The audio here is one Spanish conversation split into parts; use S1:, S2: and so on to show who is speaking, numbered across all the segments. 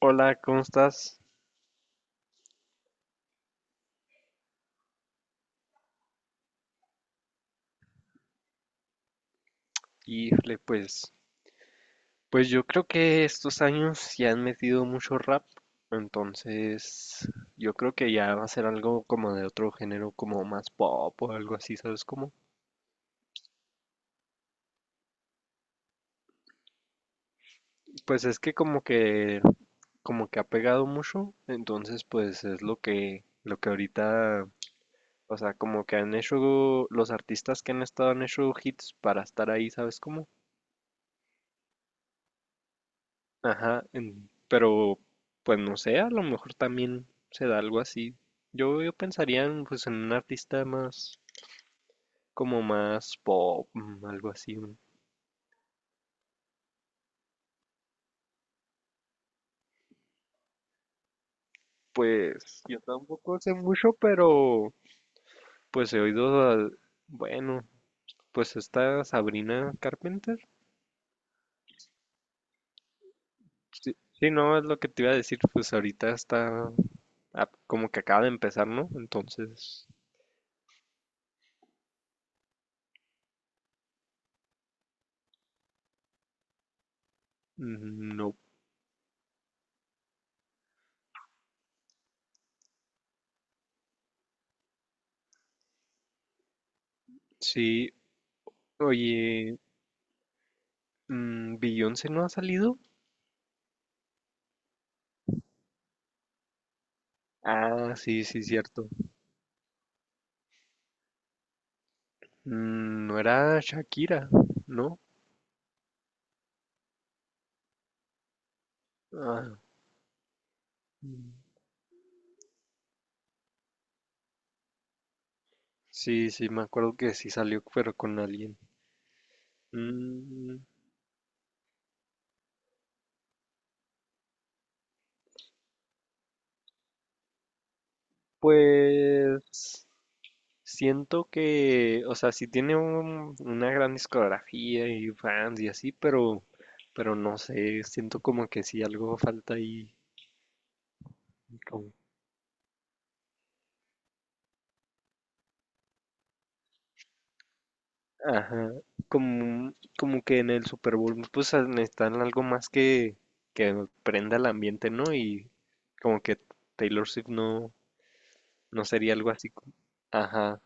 S1: Hola, ¿cómo estás? Híjole, pues yo creo que estos años ya han metido mucho rap, entonces yo creo que ya va a ser algo como de otro género, como más pop o algo así, ¿sabes cómo? Pues es que como que ha pegado mucho, entonces pues es lo que, ahorita, o sea, como que han hecho los artistas que han hecho hits para estar ahí, ¿sabes cómo? Ajá, pero pues no sé, a lo mejor también se da algo así. Yo pensaría en un artista más, como más pop, algo así, ¿no? Pues yo tampoco sé mucho, pero pues he oído, bueno, pues esta Sabrina Carpenter. Sí, sí, no, es lo que te iba a decir, pues ahorita está como que acaba de empezar, ¿no? Entonces, mm, no. Sí, oye, Beyoncé no ha salido. Ah, sí, sí, cierto. Mm, no era Shakira, ¿no? Ah, mm, sí, sí, me acuerdo que sí salió, pero con alguien. Mm, pues siento que, o sea, sí tiene una gran discografía y fans y así, pero no sé, siento como que sí algo falta ahí, como Ajá, como, como que en el Super Bowl pues necesitan algo más que prenda el ambiente, ¿no? Y como que Taylor Swift no, no sería algo así. Ajá,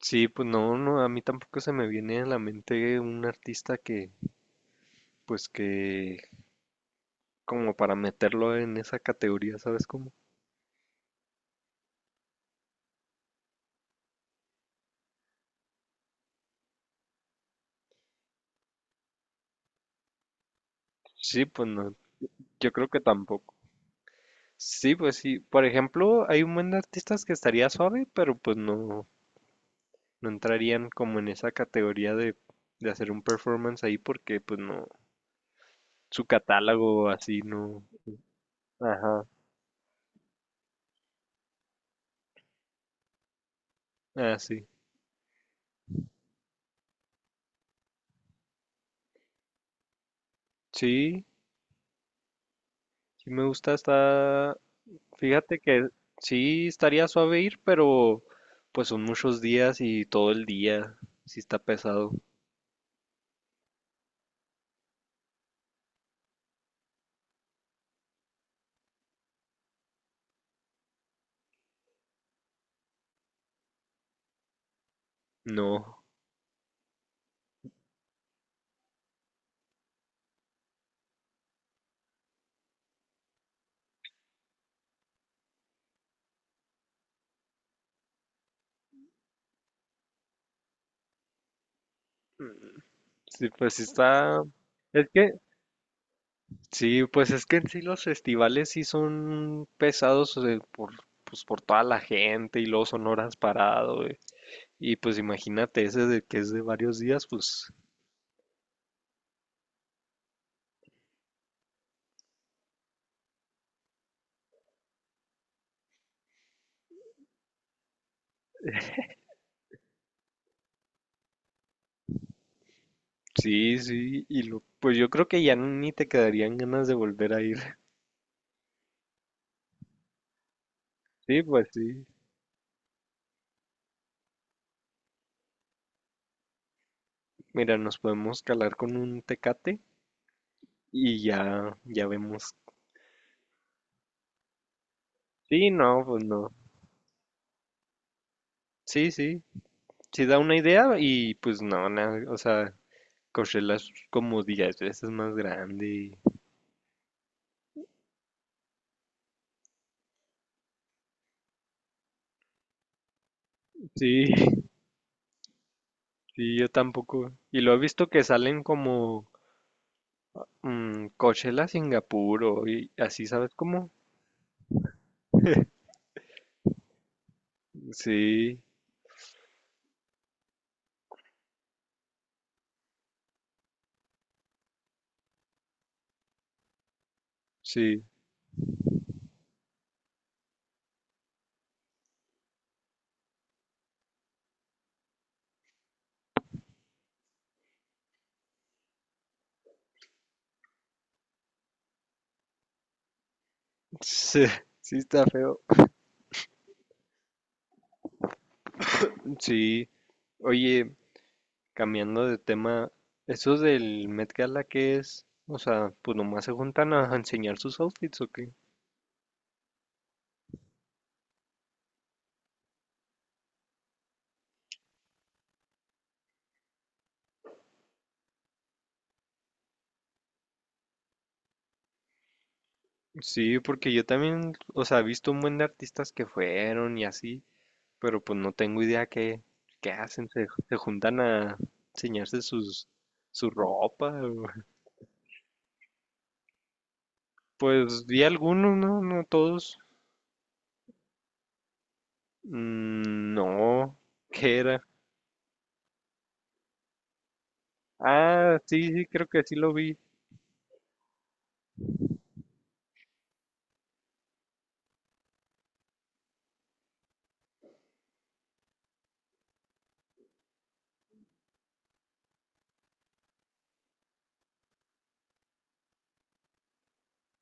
S1: sí, pues no, no, a mí tampoco se me viene a la mente un artista que, como para meterlo en esa categoría, ¿sabes cómo? Sí, pues no, yo creo que tampoco. Sí, pues sí, por ejemplo, hay un buen de artistas que estaría suave, pero pues no, no entrarían como en esa categoría de, hacer un performance ahí porque pues no, su catálogo así no. Ajá, así. Sí, sí me gusta, fíjate que sí estaría suave ir, pero pues son muchos días y todo el día, sí está pesado. No, sí, pues sí es que, sí, pues es que en sí los festivales sí son pesados, o sea, por, pues por toda la gente y luego son horas parado. Y pues imagínate, ese de que es de varios días, pues sí, sí, pues yo creo que ya ni te quedarían ganas de volver a ir. Sí, pues sí. Mira, nos podemos calar con un tecate y ya, ya vemos. Sí, no, pues no. Sí, sí, sí da una idea y pues no, nada, o sea, Coachella es como 10 veces más grande. Sí, sí, yo tampoco. Y lo he visto que salen como Coachella Singapur o y así, ¿sabes cómo? Sí. Sí, sí, sí está feo. Sí. Oye, cambiando de tema, ¿eso del Met Gala qué es? O sea, pues nomás se juntan a enseñar sus outfits, ¿o qué? Sí, porque yo también, o sea, he visto un buen de artistas que fueron y así, pero pues no tengo idea qué, hacen, se juntan a enseñarse su ropa. Pues vi algunos, no, no todos. Mm, no, ¿qué era? Ah, sí, sí, creo que sí lo vi.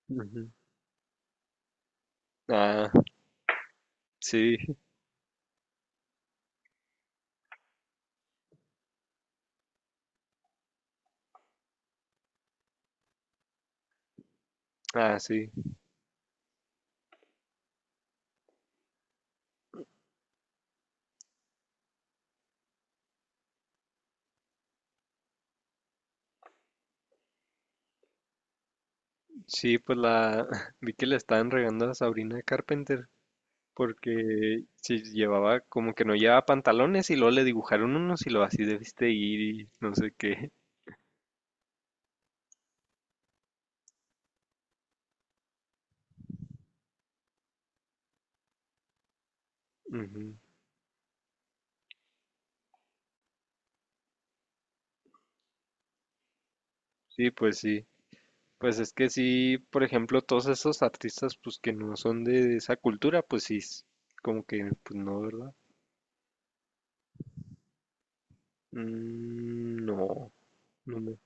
S1: Ujú. Ah, sí, ah, sí. Sí, pues la vi que le estaban regando a Sabrina Carpenter porque sí llevaba como que no llevaba pantalones y luego le dibujaron unos y lo así debiste ir y no sé qué. Ujú. Sí. Pues es que sí, por ejemplo, todos esos artistas pues que no son de esa cultura, pues sí, es como que pues no, ¿verdad? Mm, no, no, me-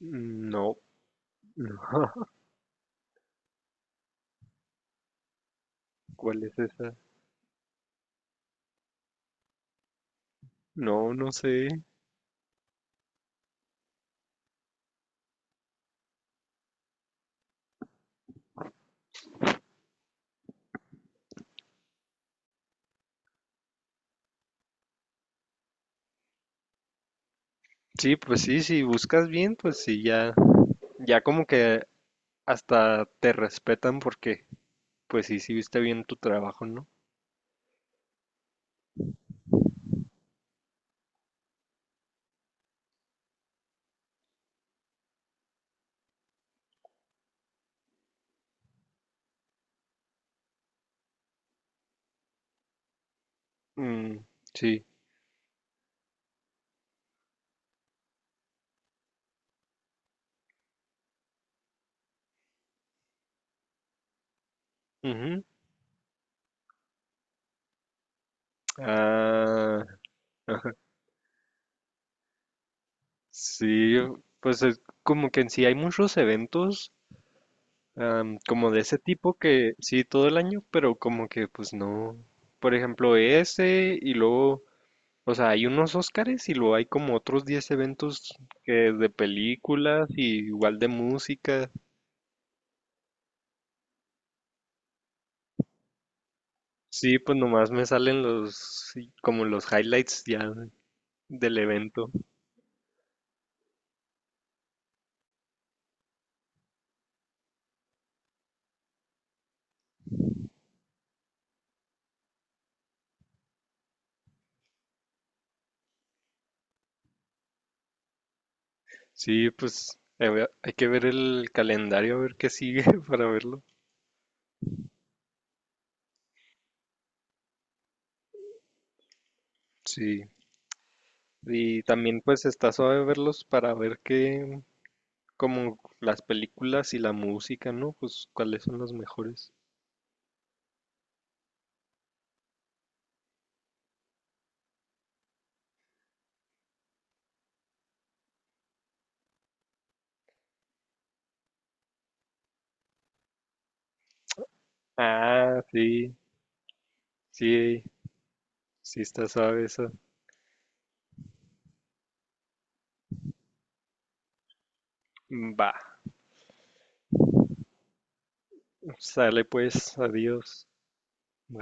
S1: mm, no, no. ¿Cuál es esa? No, no sé. Sí, pues sí, si buscas bien, pues sí, ya, ya como que hasta te respetan porque, pues sí, sí viste bien tu trabajo, ¿no? Mm, sí. Ujú. Ah, sí, pues es como que en sí hay muchos eventos como de ese tipo que sí todo el año, pero como que pues no. Por ejemplo, ese y luego, o sea, hay unos Óscares y luego hay como otros 10 eventos que de películas y igual de música. Sí, pues nomás me salen sí, como los highlights ya del evento. Sí, pues a ver, hay que ver el calendario, a ver qué sigue para verlo. Sí. Y también pues está suave verlos para ver qué, como las películas y la música, ¿no? Pues cuáles son los mejores. Ah, sí, sí, sí está suave esa. Va, sale pues, adiós. Bye.